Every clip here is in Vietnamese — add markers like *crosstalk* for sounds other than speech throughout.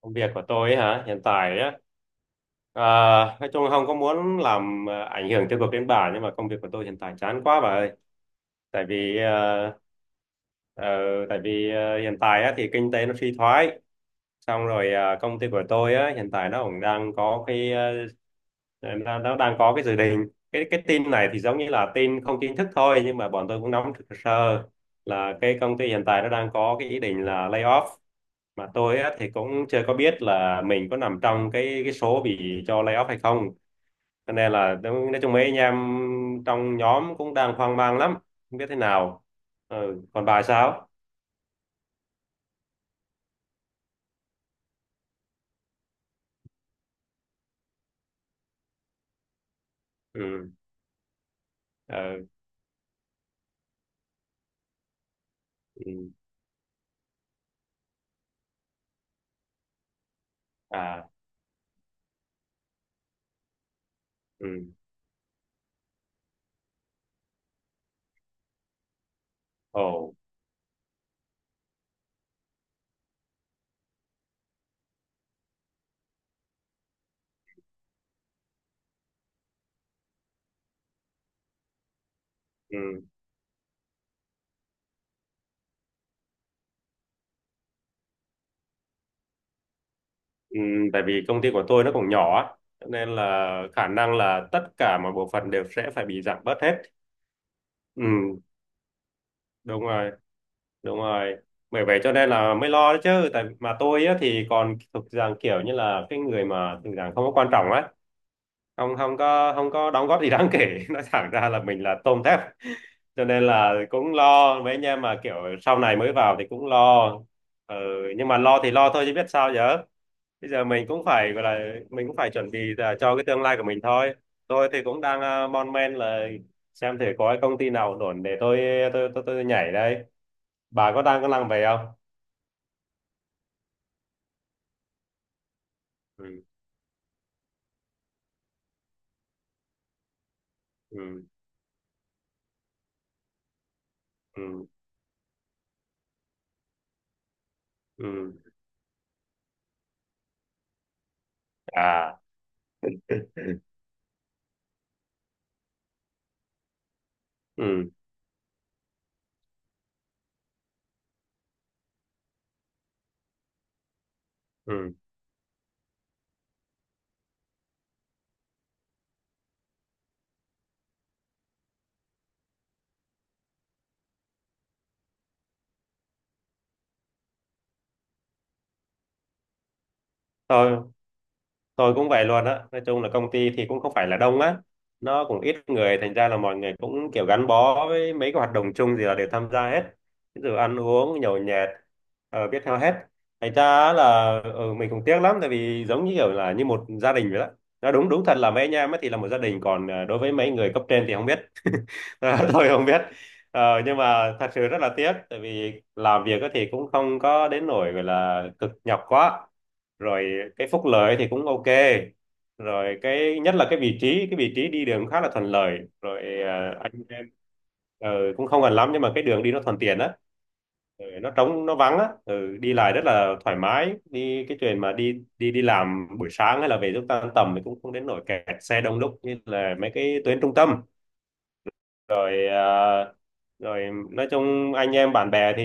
Công việc của tôi ấy hả? Hiện tại á, à, nói chung là không có muốn làm, ảnh hưởng tiêu cực đến bà, nhưng mà công việc của tôi hiện tại chán quá bà ơi. Tại vì à, ờ, tại vì hiện tại á, thì kinh tế nó suy thoái, xong rồi công ty của tôi á, hiện tại nó cũng đang có nó đang có cái dự định. Cái tin này thì giống như là tin không chính thức thôi, nhưng mà bọn tôi cũng nắm được sơ là cái công ty hiện tại nó đang có cái ý định là lay off, mà tôi á, thì cũng chưa có biết là mình có nằm trong cái số bị cho lay off hay không, cho nên là nói chung mấy anh em trong nhóm cũng đang hoang mang lắm, không biết thế nào. Ừ, còn bà sao? Ừ. Ừ. Ừ. À, ừ. Ồ. Ừ. Ừ. Tại vì công ty của tôi nó còn nhỏ á, cho nên là khả năng là tất cả mọi bộ phận đều sẽ phải bị giảm bớt hết. Ừ. Đúng rồi, đúng rồi, bởi vậy cho nên là mới lo đấy chứ, tại mà tôi á, thì còn thuộc dạng kiểu như là cái người mà thuộc dạng không có quan trọng á, không không có không có đóng góp gì đáng kể. *laughs* Nói thẳng ra là mình là tôm thép, cho nên là cũng lo mấy anh em mà kiểu sau này mới vào thì cũng lo. Ừ, nhưng mà lo thì lo thôi chứ biết sao giờ, bây giờ mình cũng phải gọi là mình cũng phải chuẩn bị là cho cái tương lai của mình thôi. Tôi thì cũng đang mon men là xem thử có cái công ty nào ổn để tôi, tôi nhảy đây. Bà có đang có năng về không? Ừ. Ừ. Ừ. Ừ. À. Ừ. Ừ. Thôi, tôi cũng vậy luôn á, nói chung là công ty thì cũng không phải là đông á, nó cũng ít người, thành ra là mọi người cũng kiểu gắn bó với mấy cái hoạt động chung, gì là đều tham gia hết. Ví dụ ăn uống nhậu nhẹt, biết theo hết, thành ra là, ừ, mình cũng tiếc lắm, tại vì giống như kiểu là như một gia đình vậy đó. Nó đúng, đúng thật, là mấy anh em ấy thì là một gia đình, còn đối với mấy người cấp trên thì không biết. *laughs* Ờ, tôi không biết. Ờ, nhưng mà thật sự rất là tiếc, tại vì làm việc á thì cũng không có đến nỗi gọi là cực nhọc quá, rồi cái phúc lợi thì cũng ok, rồi cái nhất là cái vị trí đi đường khá là thuận lợi, rồi anh em, ờ, cũng không gần lắm nhưng mà cái đường đi nó thuận tiện á. Ừ, nó trống nó vắng á, ừ, đi lại rất là thoải mái, đi cái chuyện mà đi đi đi làm buổi sáng hay là về lúc tan tầm thì cũng không đến nỗi kẹt xe đông đúc như là mấy cái tuyến trung tâm, rồi à, rồi nói chung anh em bạn bè thì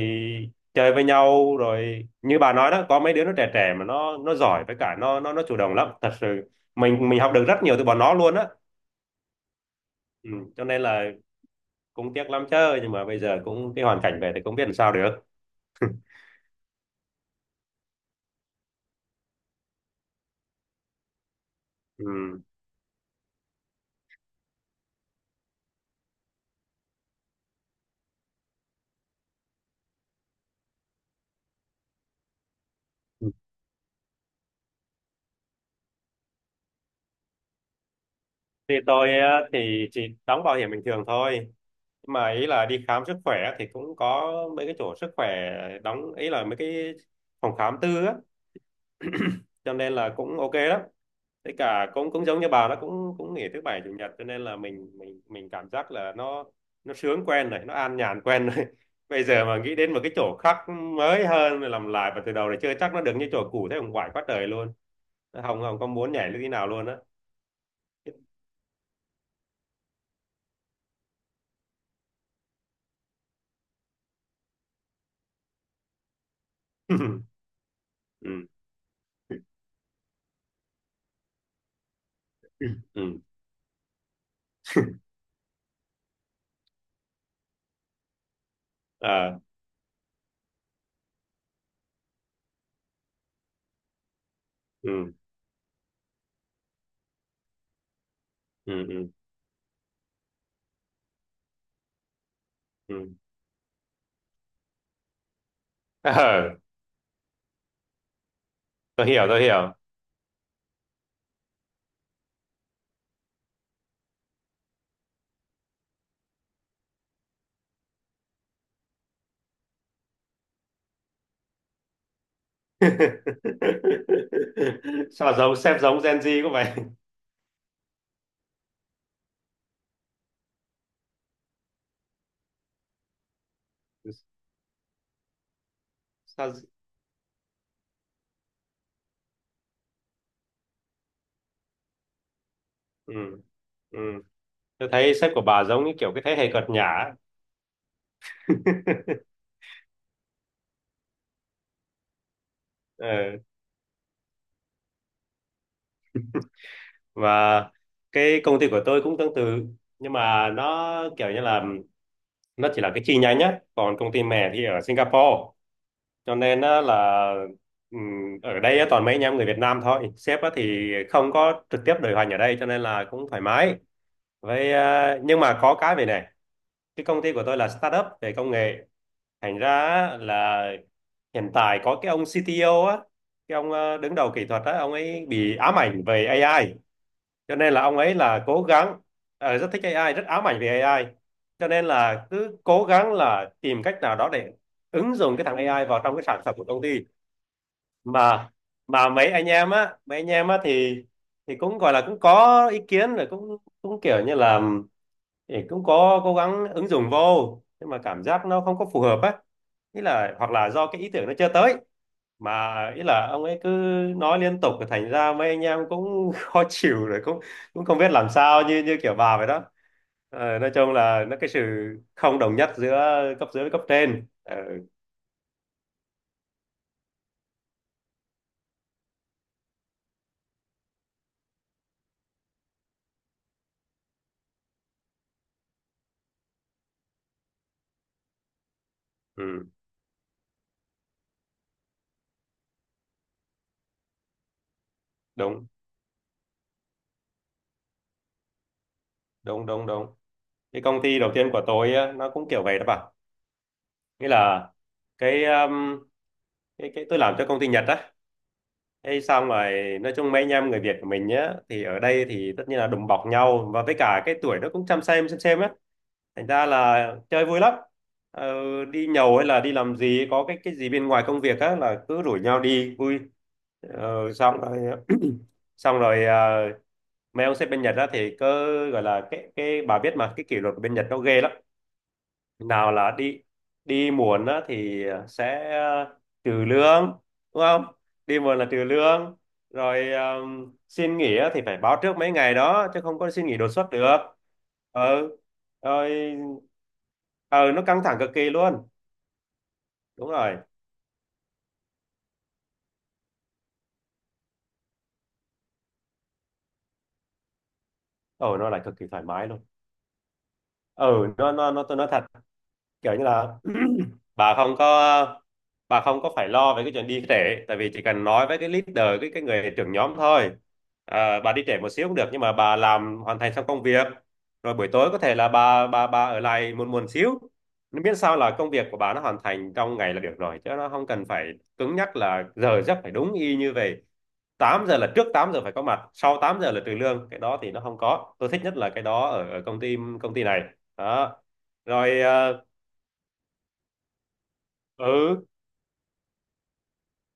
chơi với nhau, rồi như bà nói đó, có mấy đứa nó trẻ trẻ mà nó giỏi, với cả nó chủ động lắm thật sự, mình học được rất nhiều từ bọn nó luôn á. Ừ, cho nên là cũng tiếc lắm chứ, nhưng mà bây giờ cũng cái hoàn cảnh về thì cũng biết làm sao được. Ừ. Thì tôi á, thì chỉ đóng bảo hiểm bình thường thôi. Nhưng mà ý là đi khám sức khỏe thì cũng có mấy cái chỗ sức khỏe đóng, ý là mấy cái phòng khám tư á, cho nên là cũng ok lắm, với cả cũng cũng giống như bà, nó cũng cũng nghỉ thứ bảy chủ nhật, cho nên là mình cảm giác là nó sướng quen rồi, nó an nhàn quen rồi. *laughs* Bây giờ mà nghĩ đến một cái chỗ khác mới hơn rồi làm lại và từ đầu để chơi, chắc nó được như chỗ cũ thế cũng quải quá trời luôn, không không có muốn nhảy như thế nào luôn á. *laughs* Ừ. Ừ. Ừ. Ờ. Ừ. Ừ. Ừ. Ừ. Ờ, tôi hiểu, tôi hiểu. *laughs* Sao giống sếp, giống Gen Z có vậy. *laughs* Sao? Ừ. Ừ. Tôi thấy sếp của bà giống như kiểu cái thế hệ cợt nhả ấy. *laughs* Ờ. Và cái công ty của tôi cũng tương tự. Nhưng mà nó kiểu như là nó chỉ là cái chi nhánh nhá. Còn công ty mẹ thì ở Singapore. Cho nên á là, ở đây á, toàn mấy anh em người Việt Nam thôi. Sếp á thì không có trực tiếp điều hành ở đây, cho nên là cũng thoải mái. Với nhưng mà có cái về này. Cái công ty của tôi là startup về công nghệ, thành ra á, là hiện tại có cái ông CTO á, cái ông đứng đầu kỹ thuật á, ông ấy bị ám ảnh về AI, cho nên là ông ấy là cố gắng, rất thích AI, rất ám ảnh về AI, cho nên là cứ cố gắng là tìm cách nào đó để ứng dụng cái thằng AI vào trong cái sản phẩm của công ty. Mà mà mấy anh em á thì cũng gọi là cũng có ý kiến, rồi cũng cũng kiểu như là thì cũng có cố gắng ứng dụng vô, nhưng mà cảm giác nó không có phù hợp á, ý là hoặc là do cái ý tưởng nó chưa tới, mà ý là ông ấy cứ nói liên tục, thành ra mấy anh em cũng *laughs* khó chịu, rồi cũng cũng không biết làm sao, như như kiểu bà vậy đó. Ờ, nói chung là nó cái sự không đồng nhất giữa cấp dưới với cấp trên. Ờ, ừ, đúng, đúng, đúng, đúng. Cái công ty đầu tiên của tôi á, nó cũng kiểu vậy đó bà, nghĩa là cái um, cái tôi làm cho công ty Nhật á. Ê, xong rồi nói chung mấy anh em người Việt của mình nhá, thì ở đây thì tất nhiên là đùm bọc nhau, và với cả cái tuổi nó cũng chăm xem á, thành ra là chơi vui lắm, ờ, đi nhậu hay là đi làm gì có cái gì bên ngoài công việc á là cứ rủ nhau đi vui. Xong rồi *clears throat* xong rồi mấy ông sếp bên Nhật á thì cứ gọi là cái bà biết mà, cái kỷ luật của bên Nhật nó ghê lắm, nào là đi đi muộn á, thì sẽ trừ lương, đúng không? Đi muộn là trừ lương, rồi xin nghỉ á thì phải báo trước mấy ngày đó, chứ không có xin nghỉ đột xuất được. Ừ. Rồi. Ừ, nó căng thẳng cực kỳ luôn. Đúng rồi. Ừ, nó lại cực kỳ thoải mái luôn. Ừ, nó, tôi nói thật, kiểu như là *clears throat* bà không có bà không có phải lo về cái chuyện đi trễ, tại vì chỉ cần nói với cái leader, cái người trưởng nhóm thôi. À, bà đi trễ một xíu cũng được nhưng mà bà làm hoàn thành xong công việc, rồi buổi tối có thể là bà ở lại muộn muộn xíu, nó miễn sao là công việc của bà nó hoàn thành trong ngày là được rồi, chứ nó không cần phải cứng nhắc là giờ giấc phải đúng y như vậy. Tám giờ là trước 8 giờ phải có mặt, sau 8 giờ là trừ lương, cái đó thì nó không có. Tôi thích nhất là cái đó ở, công ty này đó, rồi. Ờ, ừ.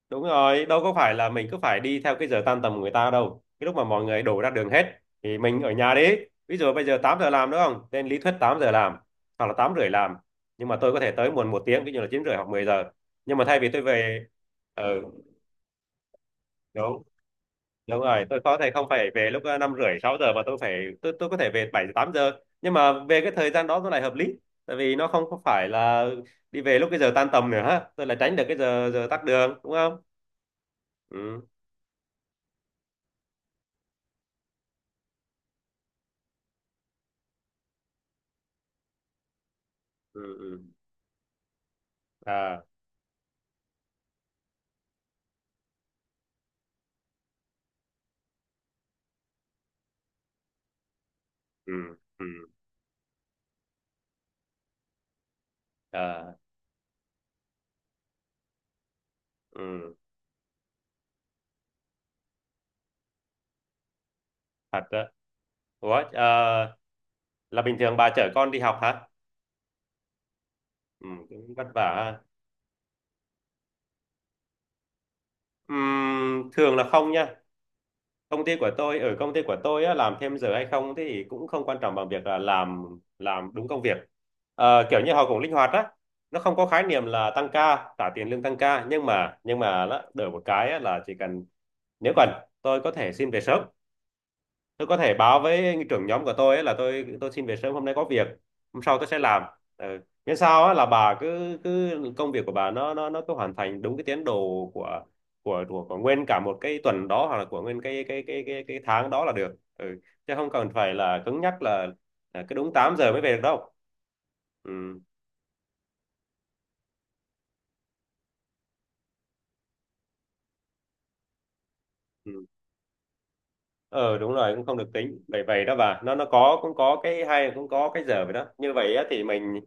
Đúng rồi, đâu có phải là mình cứ phải đi theo cái giờ tan tầm của người ta đâu. Cái lúc mà mọi người đổ ra đường hết thì mình ở nhà đi. Ví dụ bây giờ 8 giờ làm, đúng không? Trên lý thuyết 8 giờ làm hoặc là 8 rưỡi làm. Nhưng mà tôi có thể tới muộn một tiếng, ví dụ là 9 rưỡi hoặc 10 giờ. Nhưng mà thay vì tôi về, ừ, đúng, đúng rồi, tôi có thể không phải về lúc 5 rưỡi 6 giờ, mà tôi phải tôi có thể về 7 giờ 8 giờ. Nhưng mà về cái thời gian đó nó lại hợp lý. Tại vì nó không có phải là đi về lúc cái giờ tan tầm nữa ha. Tôi lại tránh được cái giờ giờ tắc đường, đúng không? Ừ. Ừ. Ừ. À. Ừ. Ừ. ờ, ừ, thật đó. Ủa, là bình thường bà chở con đi học hả? Ừ, cũng vất vả ha. Thường là không nha, công ty của tôi, ở công ty của tôi á, làm thêm giờ hay không thì cũng không quan trọng bằng việc là làm đúng công việc. Ờ, kiểu như họ cũng linh hoạt á, nó không có khái niệm là tăng ca trả tiền lương tăng ca, nhưng mà đó, đổi một cái á, là chỉ cần, nếu cần tôi có thể xin về sớm, tôi có thể báo với trưởng nhóm của tôi ấy là tôi xin về sớm hôm nay có việc, hôm sau tôi sẽ làm. Ừ. Miễn sao á là bà cứ, cứ công việc của bà nó cứ hoàn thành đúng cái tiến độ của của nguyên cả một cái tuần đó, hoặc là của nguyên cái tháng đó là được. Ừ. Chứ không cần phải là cứng nhắc là cứ đúng 8 giờ mới về được đâu. Ừ. Ừ. Ờ, đúng rồi, cũng không được tính vậy, vậy đó bà, nó có cũng có cái hay, cũng có cái giờ vậy đó, như vậy á, thì mình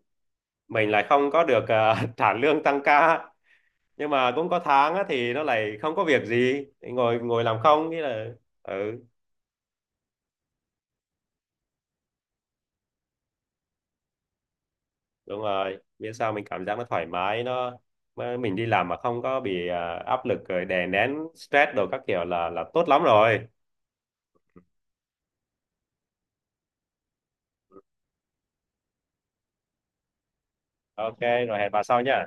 mình lại không có được, *laughs* trả lương tăng ca, nhưng mà cũng có tháng á, thì nó lại không có việc gì thì ngồi ngồi làm không, nghĩa là, ừ, đúng rồi biết sao, mình cảm giác nó thoải mái, nó, mà mình đi làm mà không có bị, áp lực rồi đè nén stress đồ các kiểu là tốt lắm rồi. Ok, rồi hẹn bà sau nhá.